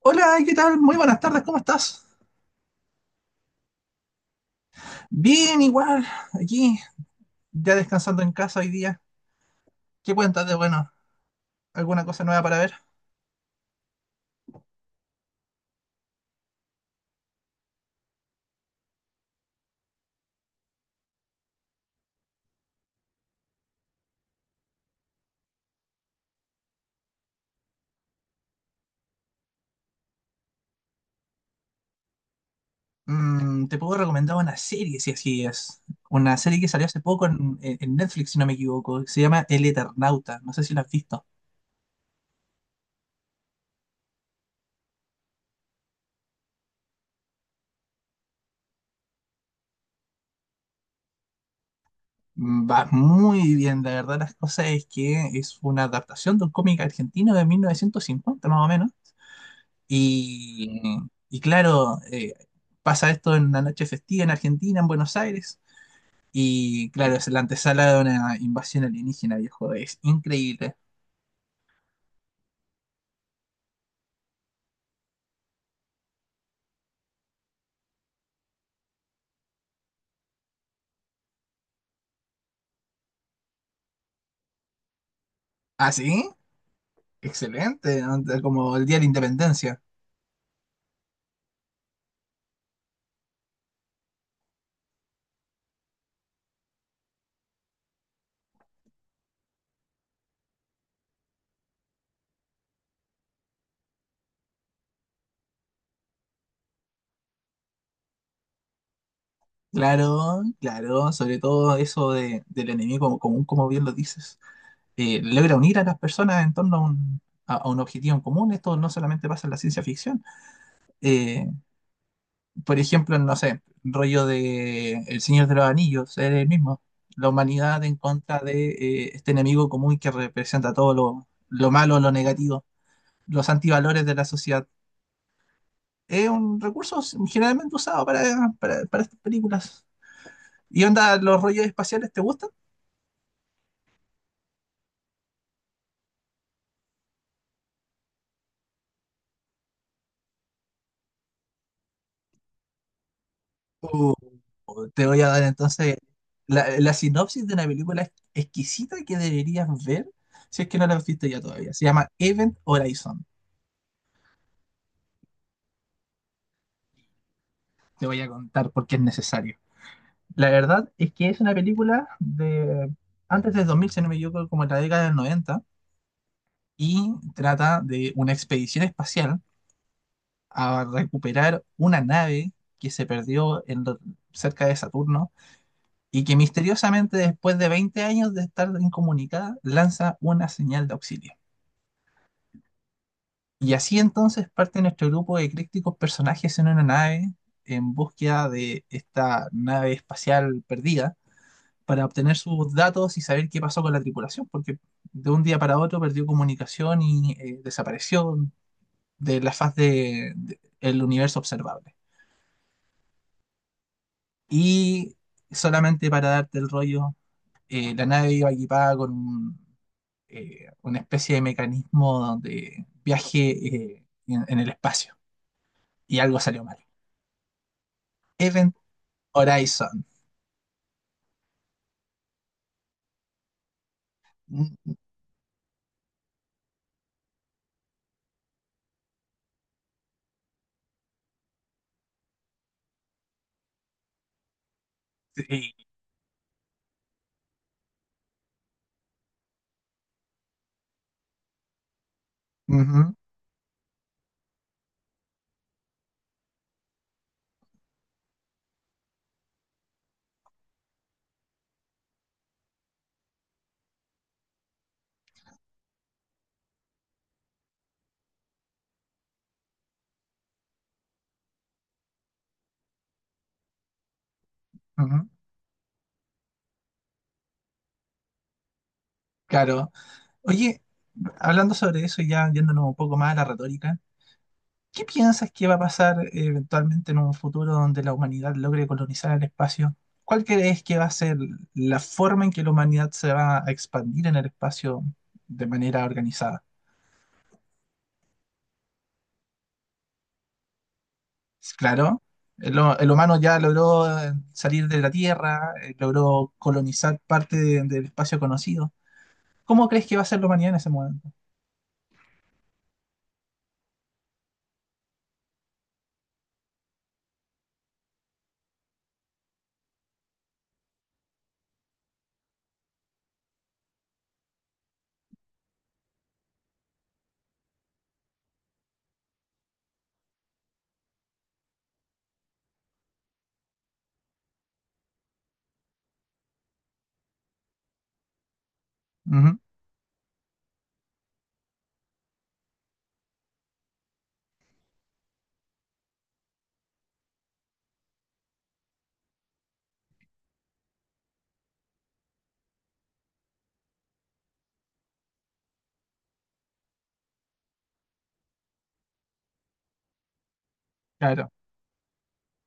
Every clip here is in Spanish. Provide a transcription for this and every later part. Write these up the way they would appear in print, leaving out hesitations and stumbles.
Hola, ¿qué tal? Muy buenas tardes, ¿cómo estás? Bien, igual, aquí, ya descansando en casa hoy día. ¿Qué cuentas de bueno? ¿Alguna cosa nueva para ver? Mm, te puedo recomendar una serie, si así es. Una serie que salió hace poco Netflix, si no me equivoco, que se llama El Eternauta. No sé si la has visto. Mm, va muy bien, la verdad, las cosas es que es una adaptación de un cómic argentino de 1950, más o menos. Y, y claro, pasa esto en una noche festiva en Argentina, en Buenos Aires. Y claro, es la antesala de una invasión alienígena, viejo. Es increíble. ¿Ah, sí? Excelente, ¿no? Como el Día de la Independencia. Claro, claro. Sobre todo eso del enemigo común, como bien lo dices. Logra unir a las personas en torno a a un objetivo en común. Esto no solamente pasa en la ciencia ficción. Eh, por ejemplo, no sé, rollo de El Señor de los Anillos, es el mismo. La humanidad en contra de, este enemigo común que representa todo lo malo, lo negativo, los antivalores de la sociedad. Es un recurso generalmente usado para estas películas. ¿Y onda, los rollos espaciales te gustan? O te voy a dar entonces la sinopsis de una película exquisita que deberías ver si es que no la has visto ya todavía. Se llama Event Horizon. Te voy a contar por qué es necesario. La verdad es que es una película de antes del 2000, si no me equivoco, como en la década del noventa, y trata de una expedición espacial a recuperar una nave que se perdió cerca de Saturno y que misteriosamente después de 20 años de estar incomunicada lanza una señal de auxilio. Y así entonces parte nuestro grupo de críticos personajes en una nave en búsqueda de esta nave espacial perdida para obtener sus datos y saber qué pasó con la tripulación, porque de un día para otro perdió comunicación y, desapareció de la el universo observable. Y solamente para darte el rollo, la nave iba equipada con una especie de mecanismo de viaje, en el espacio. Y algo salió mal. Event Horizon. Mm, sí. Ujú, ujú. Claro. Oye, hablando sobre eso, ya yéndonos un poco más a la retórica, ¿qué piensas que va a pasar, eventualmente, en un futuro donde la humanidad logre colonizar el espacio? ¿Cuál crees que va a ser la forma en que la humanidad se va a expandir en el espacio de manera organizada? Claro, el humano ya logró, salir de la Tierra, logró colonizar parte del espacio conocido. ¿Cómo crees que va a ser la humanidad en ese momento? Ujú, claro,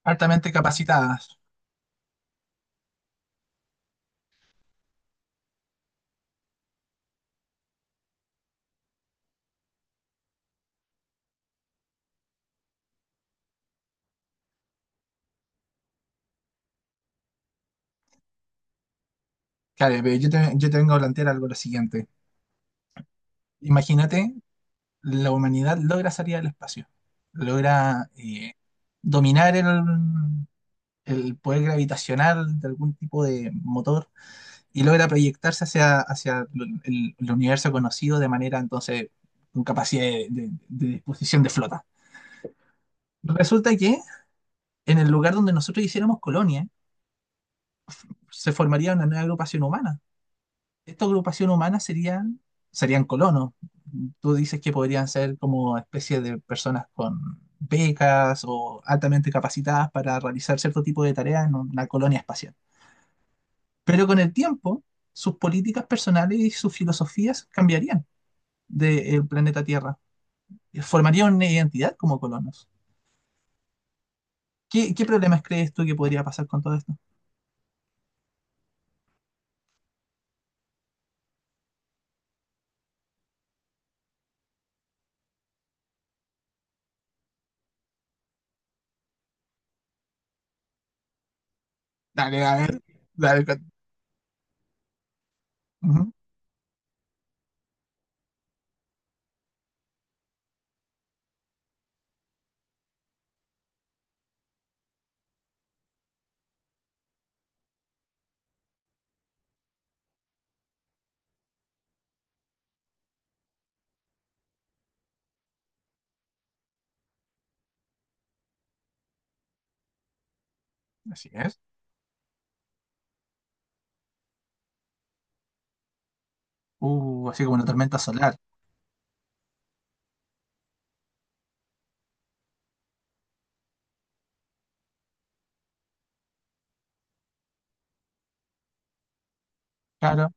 altamente capacitadas. Claro, pero yo te vengo a plantear algo lo siguiente. Imagínate, la humanidad logra salir al espacio, logra, dominar el poder gravitacional de algún tipo de motor y logra proyectarse hacia, hacia el universo conocido de manera entonces con capacidad de disposición de flota. Resulta que en el lugar donde nosotros hiciéramos colonia, se formaría una nueva agrupación humana. Esta agrupación humana serían, serían colonos. Tú dices que podrían ser como especie de personas con becas o altamente capacitadas para realizar cierto tipo de tareas en una colonia espacial. Pero con el tiempo, sus políticas personales y sus filosofías cambiarían del planeta Tierra. Formarían una identidad como colonos. ¿Qué, qué problemas crees tú que podría pasar con todo esto? Dale, a ver. Dale, con- Ujú, Así es. Así como una tormenta solar. Claro.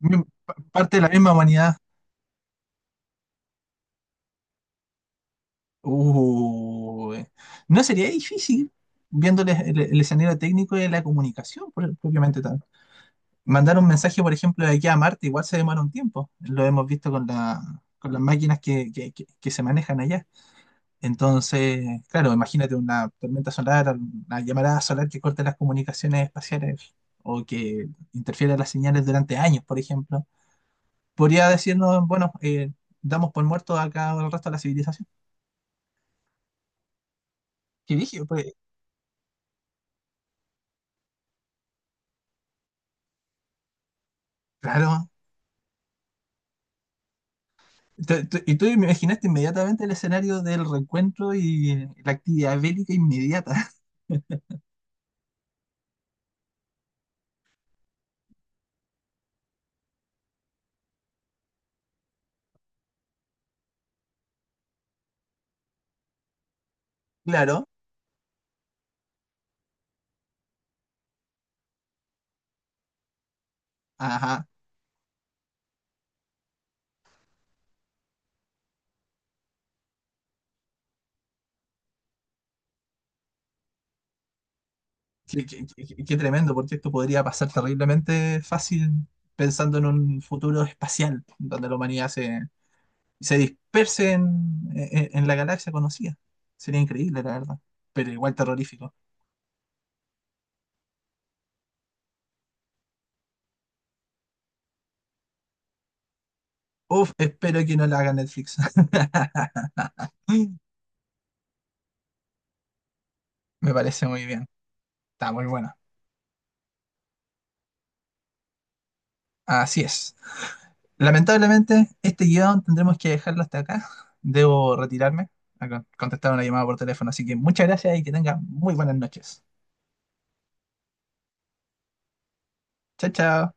Parte de la misma humanidad. Uy, no sería difícil, viéndoles el escenario técnico y la comunicación propiamente tal. Mandar un mensaje, por ejemplo, de aquí a Marte, igual se demora un tiempo. Lo hemos visto con con las máquinas que se manejan allá. Entonces, claro, imagínate una tormenta solar, una llamarada solar que corte las comunicaciones espaciales o que interfiera las señales durante años, por ejemplo. Podría decirnos, bueno, damos por muerto acá el resto de la civilización. ¿Qué dije? Pues, claro. Y tú imaginaste inmediatamente el escenario del reencuentro y la actividad bélica inmediata. Claro, ajá. Qué tremendo, porque esto podría pasar terriblemente fácil pensando en un futuro espacial, donde la humanidad se, se disperse en la galaxia conocida. Sería increíble, la verdad, pero igual terrorífico. Uf, espero que no la haga Netflix. Me parece muy bien. Está muy buena. Así es. Lamentablemente, este guión tendremos que dejarlo hasta acá. Debo retirarme a contestar una llamada por teléfono, así que muchas gracias y que tengan muy buenas noches. Chao, chao.